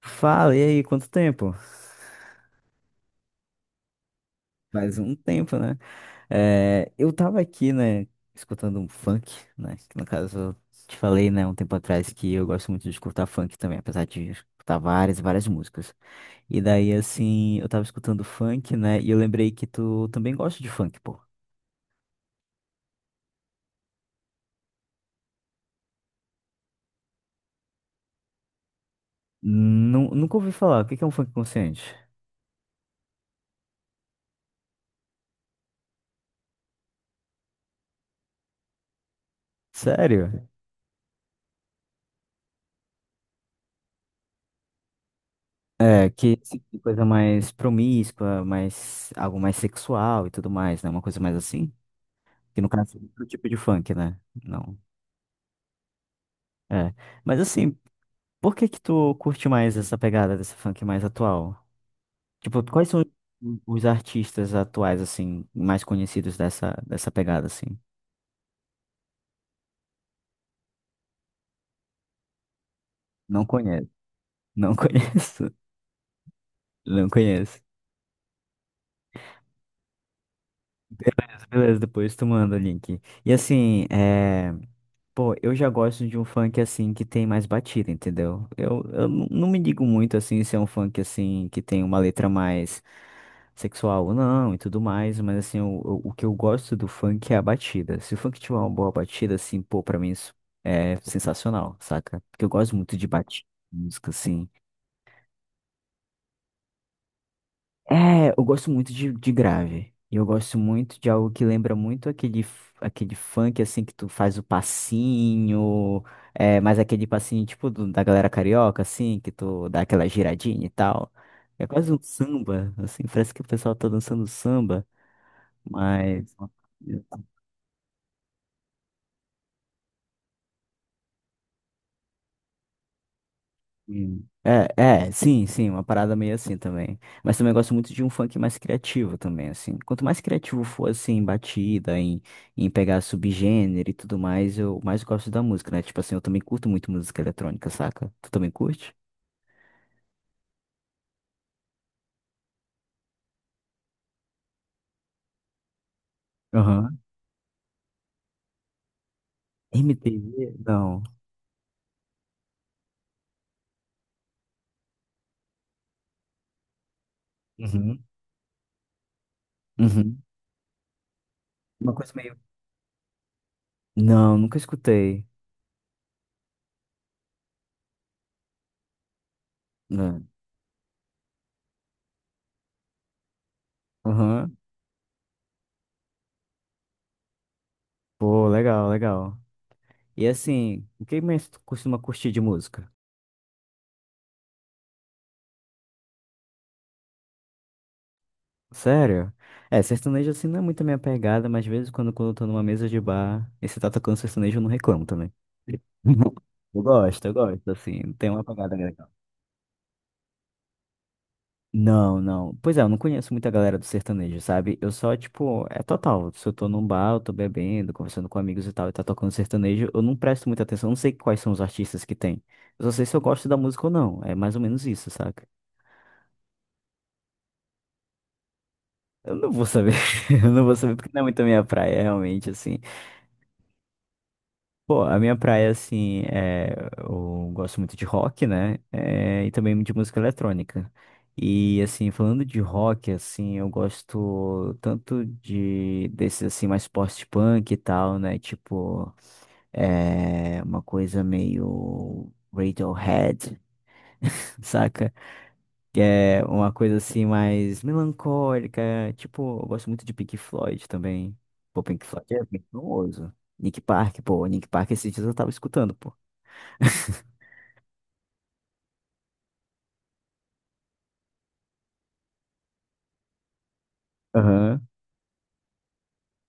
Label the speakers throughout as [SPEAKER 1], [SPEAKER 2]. [SPEAKER 1] Fala, e aí, quanto tempo? Faz um tempo, né? É, eu tava aqui, né, escutando um funk, né? Que no caso, eu te falei, né, um tempo atrás que eu gosto muito de escutar funk também, apesar de escutar várias músicas. E daí, assim, eu tava escutando funk, né, e eu lembrei que tu também gosta de funk, pô. Nunca ouvi falar, o que que é um funk consciente? Sério? É, que assim, coisa mais promíscua, mais, algo mais sexual e tudo mais, né? Uma coisa mais assim? Que no caso é outro tipo de funk, né? Não. É. Mas assim, por que que tu curte mais essa pegada desse funk mais atual? Tipo, quais são os artistas atuais, assim, mais conhecidos dessa pegada, assim? Não conheço. Não conheço. Não conheço. Beleza, beleza, depois tu manda o link. E assim, é. Pô, eu já gosto de um funk assim que tem mais batida, entendeu? Eu não me digo muito assim se é um funk assim que tem uma letra mais sexual ou não e tudo mais, mas assim, o que eu gosto do funk é a batida. Se o funk tiver uma boa batida, assim, pô, pra mim isso é sensacional, saca? Porque eu gosto muito de batida, música, assim. É, eu gosto muito de grave. E eu gosto muito de algo que lembra muito aquele, aquele funk, assim, que tu faz o passinho, é, mas aquele passinho tipo da galera carioca, assim, que tu dá aquela giradinha e tal. É quase um samba, assim, parece que o pessoal tá dançando samba, mas.... É, é, sim, sim, uma parada meio assim também. Mas também eu gosto muito de um funk mais criativo também, assim. Quanto mais criativo for, assim, em batida, em pegar subgênero e tudo mais, eu mais gosto da música, né? Tipo assim, eu também curto muito música eletrônica, saca? Tu também curte? Aham. MPB? Não. Uhum. Uhum. Uma coisa meio. Não, nunca escutei. Não. Aham. Pô, legal, legal. E assim, o que mais tu costuma curtir de música? Sério? É, sertanejo assim não é muito a minha pegada, mas às vezes quando eu tô numa mesa de bar e você tá tocando sertanejo, eu não reclamo também. Eu gosto, assim, tem uma pegada legal. Não, não. Pois é, eu não conheço muita galera do sertanejo, sabe? Eu só, tipo, é total. Se eu tô num bar, eu tô bebendo, conversando com amigos e tal, e tá tocando sertanejo, eu não presto muita atenção, eu não sei quais são os artistas que tem. Eu só sei se eu gosto da música ou não. É mais ou menos isso, saca? Eu não vou saber. Eu não vou saber porque não é muito a minha praia, realmente, assim. Pô, a minha praia, assim, é, eu gosto muito de rock, né? É, e também de música eletrônica. E, assim, falando de rock, assim, eu gosto tanto de desses, assim, mais post-punk e tal, né? Tipo, é, uma coisa meio Radiohead, saca? Que é uma coisa, assim, mais melancólica. Tipo, eu gosto muito de Pink Floyd também. Pô, Pink Floyd é bem famoso. Nick Park, pô, Nick Park esses dias eu tava escutando, pô. Aham.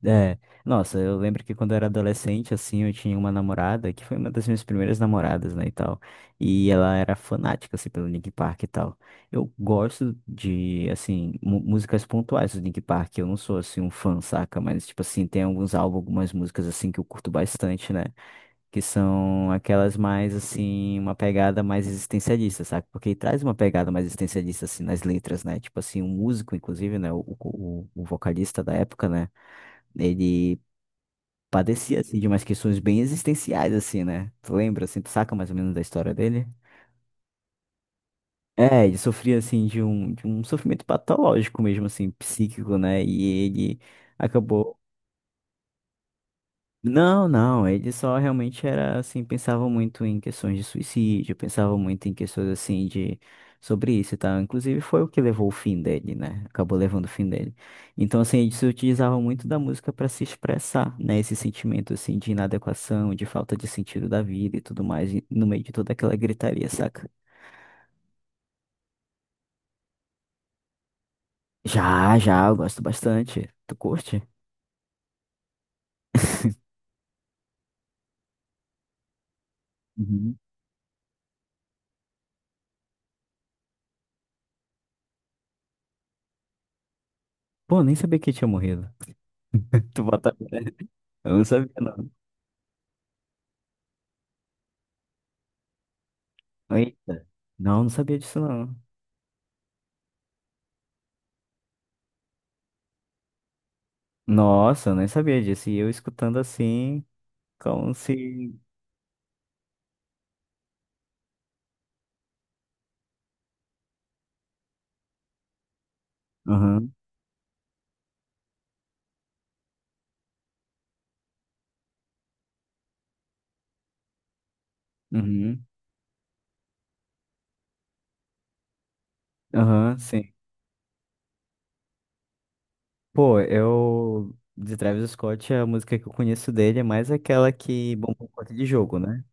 [SPEAKER 1] É. Nossa, eu lembro que quando eu era adolescente, assim, eu tinha uma namorada que foi uma das minhas primeiras namoradas, né, e tal. E ela era fanática, assim, pelo Linkin Park e tal. Eu gosto de, assim, músicas pontuais do Linkin Park. Eu não sou, assim, um fã, saca? Mas, tipo assim, tem alguns álbuns, algumas músicas, assim, que eu curto bastante, né? Que são aquelas mais, assim, uma pegada mais existencialista, saca? Porque traz uma pegada mais existencialista, assim, nas letras, né? Tipo assim, um músico, inclusive, né, o vocalista da época, né? Ele padecia, assim, de umas questões bem existenciais, assim, né? Tu lembra, assim, tu saca mais ou menos da história dele? É, ele sofria, assim, de um sofrimento patológico mesmo, assim, psíquico, né? E ele acabou. Não, não, ele só realmente era assim, pensava muito em questões de suicídio, pensava muito em questões assim de sobre isso e tal. Inclusive foi o que levou o fim dele, né? Acabou levando o fim dele. Então assim, ele se utilizava muito da música para se expressar, né? Esse sentimento assim de inadequação, de falta de sentido da vida e tudo mais, e no meio de toda aquela gritaria, saca? Já, já, eu gosto bastante. Tu curte? Uhum. Pô, nem sabia que ele tinha morrido. Tu bota. Eu não sabia, não. Eita. Não, não sabia disso, não. Nossa, eu nem sabia disso. E eu escutando assim, como se. Aham, uhum, aham, sim. Pô, eu. De Travis Scott, a música que eu conheço dele é mais aquela que bombou com aquele jogo, né?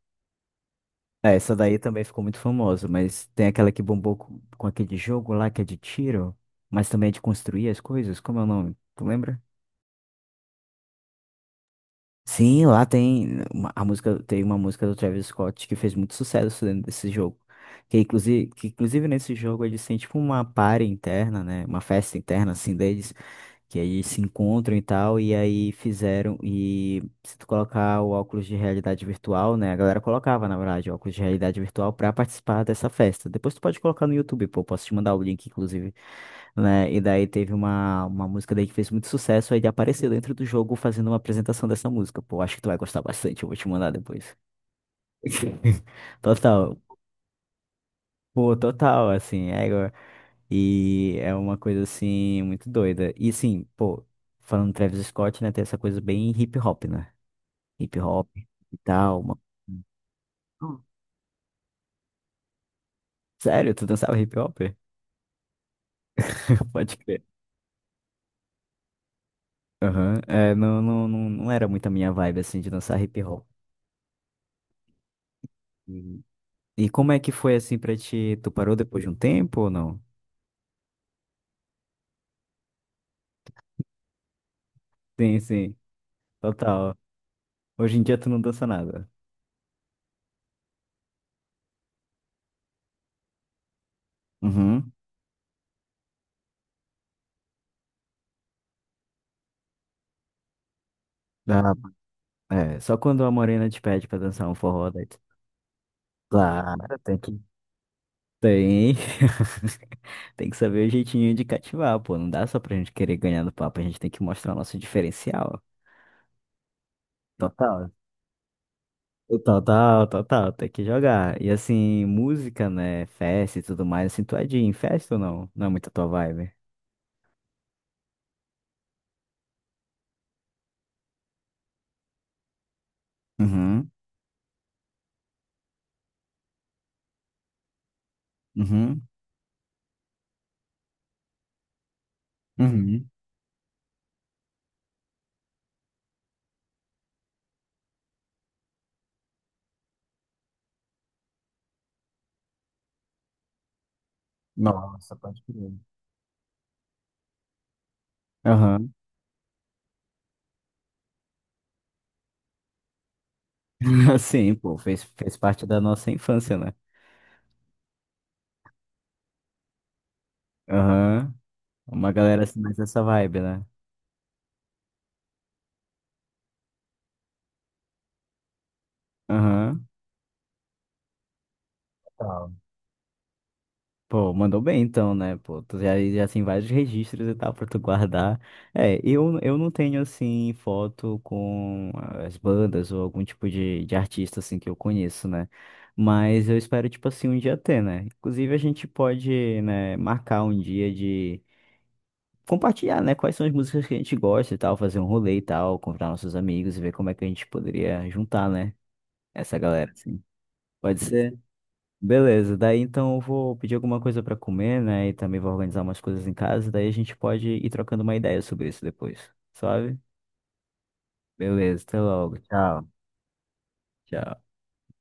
[SPEAKER 1] É, essa daí também ficou muito famosa, mas tem aquela que bombou com aquele jogo lá que é de tiro, mas também é de construir as coisas. Como é o nome? Tu lembra? Sim, lá tem a música, tem uma música do Travis Scott que fez muito sucesso dentro desse jogo. Que inclusive nesse jogo eles têm tipo uma party interna, né? Uma festa interna assim deles, que aí se encontram e tal, e aí fizeram e se tu colocar o óculos de realidade virtual, né? A galera colocava, na verdade, óculos de realidade virtual pra participar dessa festa. Depois tu pode colocar no YouTube, pô, posso te mandar o link, inclusive, né? E daí teve uma música daí que fez muito sucesso, aí ele apareceu dentro do jogo fazendo uma apresentação dessa música. Pô, acho que tu vai gostar bastante, eu vou te mandar depois. Total. Pô, total, assim, é igual- e é uma coisa assim muito doida. E sim, pô, falando do Travis Scott, né, tem essa coisa bem hip hop, né? Hip hop e tal. Uma... Hum. Sério, tu dançava hip hop? Pode crer. Aham. É, não era muito a minha vibe, assim, de dançar hip hop. E, e como é que foi, assim, pra ti? Tu parou depois de um tempo ou não? Sim, sim, total. Hoje em dia tu não dança nada. Uhum. Ah, é, só quando a morena te pede pra dançar um forró, daí tu... Claro, tem que... Tem. Tem que saber o jeitinho de cativar, pô. Não dá só pra gente querer ganhar no papo, a gente tem que mostrar o nosso diferencial. Total. Total, total, tem que jogar. E assim, música, né? Festa e tudo mais, assim, tu é de ir em festa ou não? Não é muito a tua vibe. Uhum, uhum, uhum. Nossa, pode crer. Aham. Sim, pô, fez, fez parte da nossa infância, né? Aham. Uma galera assim, mais dessa vibe, né? Aham. Pô, mandou bem então, né? Pô, tu já, já tem vários registros e tal pra tu guardar. É, eu não tenho, assim, foto com as bandas ou algum tipo de artista, assim, que eu conheço, né? Mas eu espero, tipo assim, um dia ter, né? Inclusive, a gente pode, né, marcar um dia de compartilhar, né? Quais são as músicas que a gente gosta e tal, fazer um rolê e tal, convidar nossos amigos e ver como é que a gente poderia juntar, né? Essa galera, assim. Pode ser. Beleza, daí então eu vou pedir alguma coisa pra comer, né? E também vou organizar umas coisas em casa, daí a gente pode ir trocando uma ideia sobre isso depois, sabe? Beleza, até logo. Tchau. Tchau.